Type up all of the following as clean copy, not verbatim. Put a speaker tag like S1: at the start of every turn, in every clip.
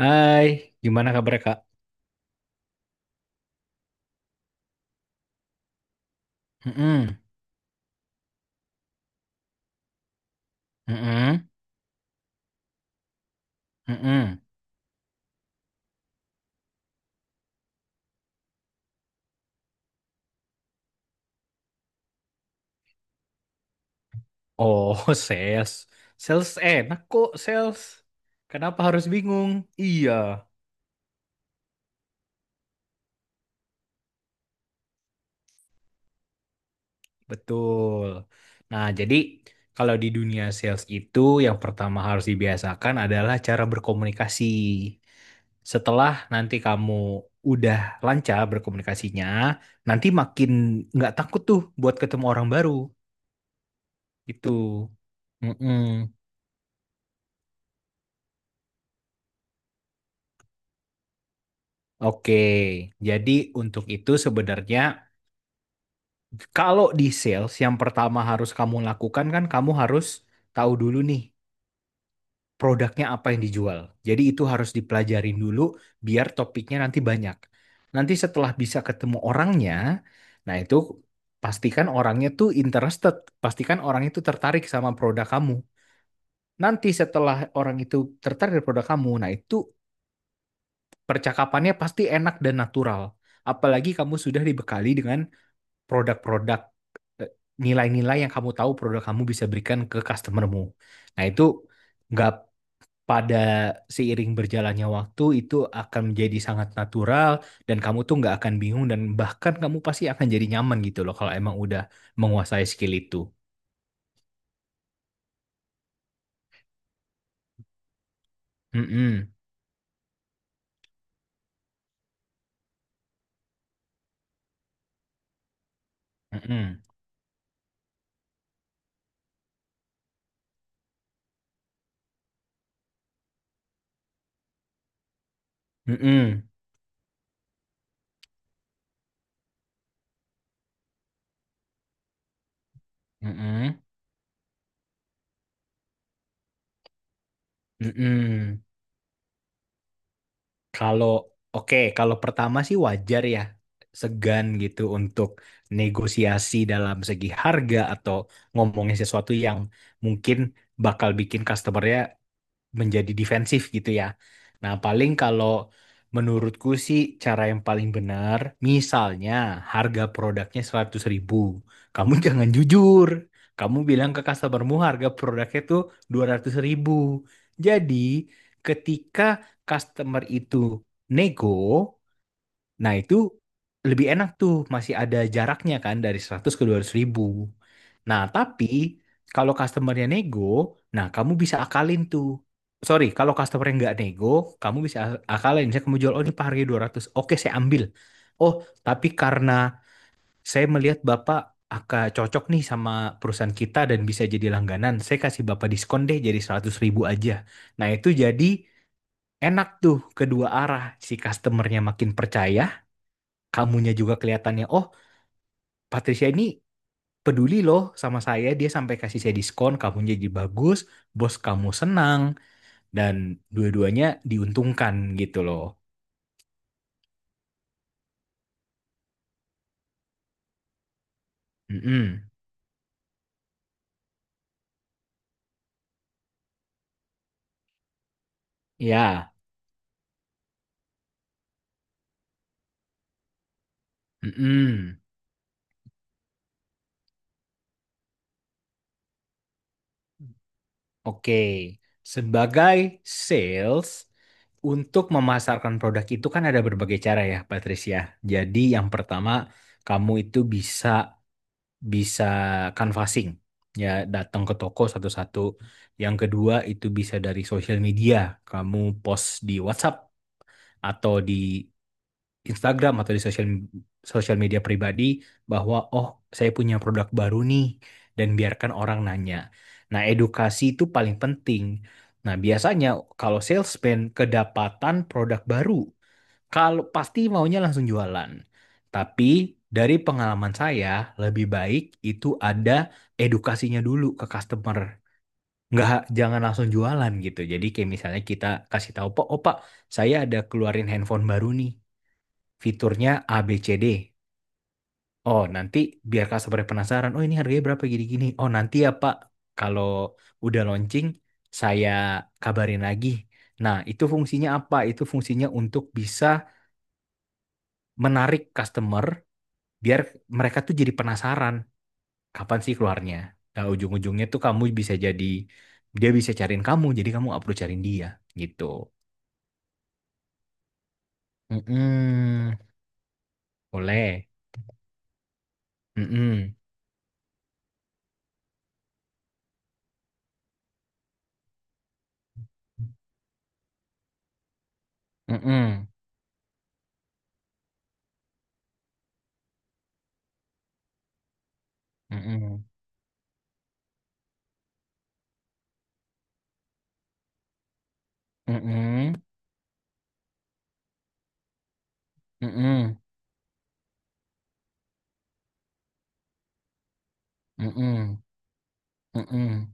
S1: Hai, gimana kabar Kak? Mm-mm, mm-mm, mm-mm. Oh, sales. Sales enak kok, sales. Kenapa harus bingung? Iya, betul. Nah, jadi kalau di dunia sales itu yang pertama harus dibiasakan adalah cara berkomunikasi. Setelah nanti kamu udah lancar berkomunikasinya, nanti makin nggak takut tuh buat ketemu orang baru. Itu. Oke, jadi untuk itu sebenarnya kalau di sales yang pertama harus kamu lakukan kan kamu harus tahu dulu nih produknya apa yang dijual. Jadi itu harus dipelajarin dulu biar topiknya nanti banyak. Nanti setelah bisa ketemu orangnya, nah itu pastikan orangnya tuh interested, pastikan orang itu tertarik sama produk kamu. Nanti setelah orang itu tertarik dengan produk kamu, nah itu percakapannya pasti enak dan natural. Apalagi kamu sudah dibekali dengan produk-produk eh, nilai-nilai yang kamu tahu produk kamu bisa berikan ke customermu. Nah, itu nggak pada seiring berjalannya waktu itu akan menjadi sangat natural dan kamu tuh nggak akan bingung dan bahkan kamu pasti akan jadi nyaman gitu loh kalau emang udah menguasai skill itu. Mm-mm. Mm-mm. Mm-mm. Mm-mm. Mm-mm. Kalau oke, kalau pertama sih wajar ya segan gitu untuk negosiasi dalam segi harga atau ngomongin sesuatu yang mungkin bakal bikin customernya menjadi defensif gitu ya. Nah, paling kalau menurutku sih cara yang paling benar, misalnya harga produknya seratus ribu. Kamu jangan jujur. Kamu bilang ke customermu harga produknya tuh 200.000 ribu. Jadi, ketika customer itu nego, nah, itu lebih enak tuh, masih ada jaraknya kan dari 100 ke 200.000. Nah, tapi kalau customernya nego, nah kamu bisa akalin tuh. Sorry, kalau customernya nggak nego, kamu bisa akalin. Misalnya kamu jual, oh ini harga ratus oke saya ambil. Oh, tapi karena saya melihat Bapak akan cocok nih sama perusahaan kita dan bisa jadi langganan, saya kasih Bapak diskon deh jadi 100.000 aja. Nah, itu jadi enak tuh kedua arah. Si customernya makin percaya, kamunya juga kelihatannya oh Patricia ini peduli loh sama saya dia sampai kasih saya diskon kamunya jadi bagus bos kamu senang dan dua-duanya diuntungkan gitu loh. Mm-mm. Ya. Mm-mm. Oke, sebagai sales untuk memasarkan produk itu kan ada berbagai cara ya Patricia, jadi yang pertama kamu itu bisa bisa canvassing ya datang ke toko satu-satu, yang kedua itu bisa dari sosial media. Kamu post di WhatsApp atau di Instagram atau di sosial sosial media pribadi bahwa oh saya punya produk baru nih dan biarkan orang nanya. Nah, edukasi itu paling penting. Nah, biasanya kalau salesman kedapatan produk baru, kalau pasti maunya langsung jualan. Tapi dari pengalaman saya, lebih baik itu ada edukasinya dulu ke customer. Nggak, jangan langsung jualan gitu. Jadi kayak misalnya kita kasih tahu, Pak, oh Pak, saya ada keluarin handphone baru nih. Fiturnya ABCD. Oh, nanti biar customer penasaran, oh ini harganya berapa gini-gini. Oh, nanti ya Pak, kalau udah launching, saya kabarin lagi. Nah, itu fungsinya apa? Itu fungsinya untuk bisa menarik customer biar mereka tuh jadi penasaran kapan sih keluarnya. Nah, ujung-ujungnya tuh kamu bisa jadi dia bisa cariin kamu, jadi kamu nggak perlu cariin dia gitu. Mm-mm. Boleh. Mm-mm. Mm-mm. Mm-mm. Mm-mm. Mm-mm. Mm-mm. Mm-mm.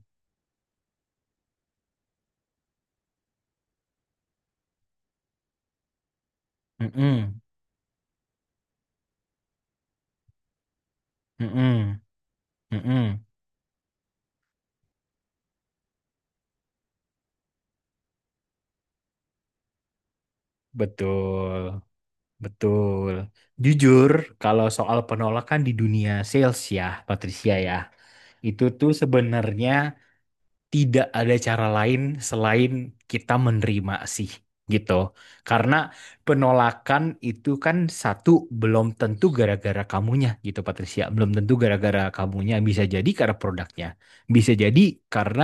S1: Mm-mm. Mm-mm. Mm-mm. Betul, betul. Jujur, kalau soal penolakan di dunia sales ya, Patricia ya, itu tuh sebenarnya tidak ada cara lain selain kita menerima sih gitu. Karena penolakan itu kan satu belum tentu gara-gara kamunya gitu Patricia, belum tentu gara-gara kamunya bisa jadi karena produknya, bisa jadi karena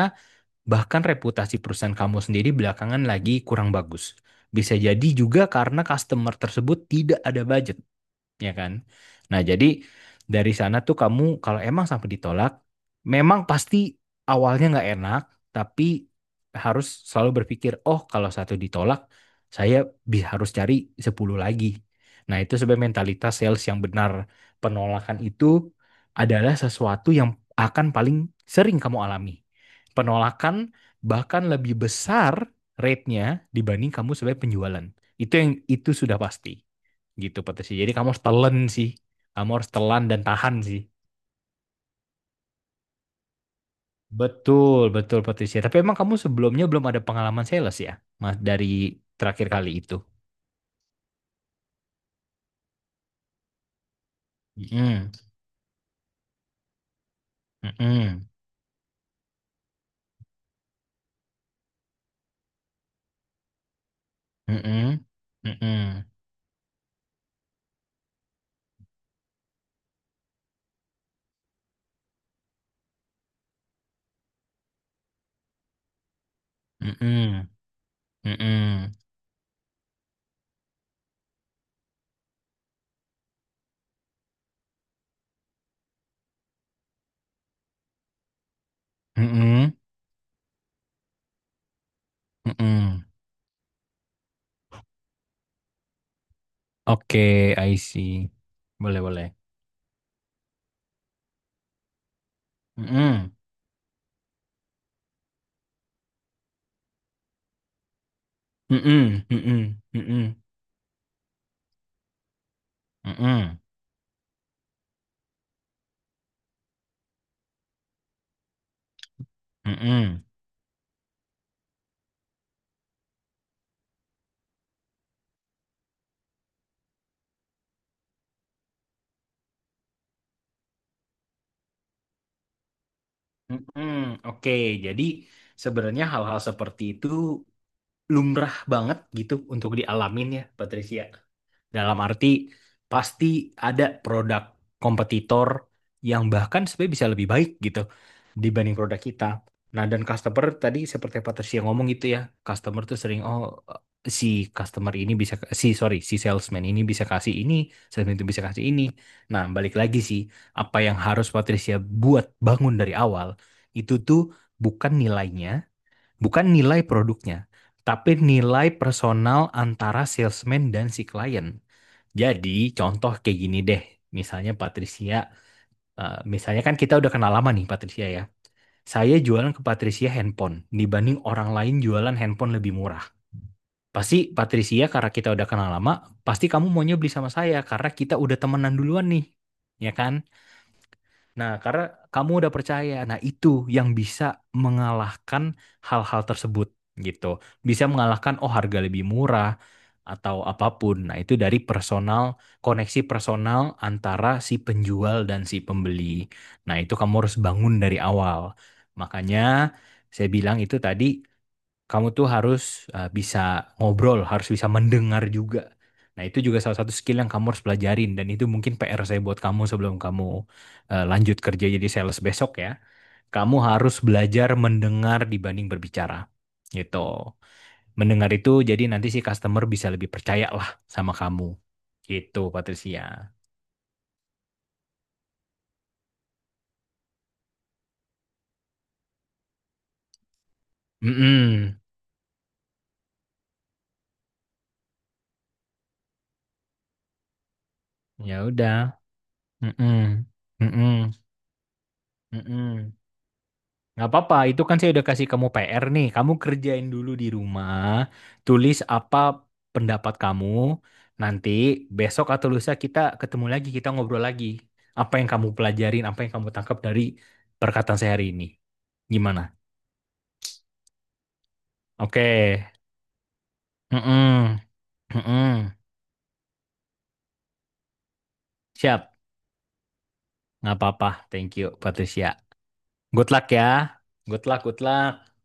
S1: bahkan reputasi perusahaan kamu sendiri belakangan lagi kurang bagus. Bisa jadi juga karena customer tersebut tidak ada budget, ya kan? Nah, jadi dari sana tuh kamu kalau emang sampai ditolak, memang pasti awalnya nggak enak, tapi harus selalu berpikir, oh kalau satu ditolak, saya harus cari 10 lagi. Nah, itu sebenarnya mentalitas sales yang benar. Penolakan itu adalah sesuatu yang akan paling sering kamu alami. Penolakan bahkan lebih besar rate-nya dibanding kamu sebagai penjualan. Itu yang itu sudah pasti gitu Patricia. Jadi kamu harus telan sih. Kamu harus telan dan tahan sih. Betul, betul Patricia. Tapi emang kamu sebelumnya belum ada pengalaman sales ya? Mas dari terakhir kali itu. Mm-mm, mm-mm, mm-mm, mm-mm, mm-mm, mm-mm, mm-mm, mm-mm. Oke, I see. Boleh, boleh. Mm-mm, mm-mm, mm-mm, mm-mm, mm-mm, mm-mm, mm-mm. Oke, jadi sebenarnya hal-hal seperti itu lumrah banget gitu untuk dialamin ya, Patricia. Dalam arti pasti ada produk kompetitor yang bahkan sebenarnya bisa lebih baik gitu dibanding produk kita. Nah, dan customer tadi seperti Patricia ngomong gitu ya, customer tuh sering oh si customer ini bisa, si, sorry, si salesman ini bisa kasih ini, salesman itu bisa kasih ini. Nah, balik lagi sih apa yang harus Patricia buat bangun dari awal itu tuh bukan nilainya, bukan nilai produknya, tapi nilai personal antara salesman dan si klien. Jadi, contoh kayak gini deh. Misalnya Patricia, misalnya kan kita udah kenal lama nih Patricia ya. Saya jualan ke Patricia handphone dibanding orang lain jualan handphone lebih murah. Pasti Patricia karena kita udah kenal lama, pasti kamu maunya beli sama saya karena kita udah temenan duluan nih. Ya kan? Nah, karena kamu udah percaya, nah itu yang bisa mengalahkan hal-hal tersebut gitu. Bisa mengalahkan oh harga lebih murah atau apapun. Nah, itu dari personal, koneksi personal antara si penjual dan si pembeli. Nah, itu kamu harus bangun dari awal. Makanya saya bilang itu tadi, kamu tuh harus bisa ngobrol, harus bisa mendengar juga. Nah, itu juga salah satu skill yang kamu harus pelajarin dan itu mungkin PR saya buat kamu sebelum kamu lanjut kerja jadi sales besok ya. Kamu harus belajar mendengar dibanding berbicara. Gitu. Mendengar itu jadi nanti si customer bisa lebih percaya lah sama kamu. Gitu, Patricia. Mm-mm. Ya udah. Mm-mm. Mm-mm. Mm-mm. Nggak apa-apa, itu kan saya udah kasih kamu PR nih. Kamu kerjain dulu di rumah, tulis apa pendapat kamu. Nanti besok atau lusa kita ketemu lagi, kita ngobrol lagi. Apa yang kamu pelajarin, apa yang kamu tangkap dari perkataan saya hari ini. Gimana? Oke. Mm-mm. Mm-mm. Siap. Nggak apa-apa. Thank you, Patricia. Good luck ya. Good luck, good luck.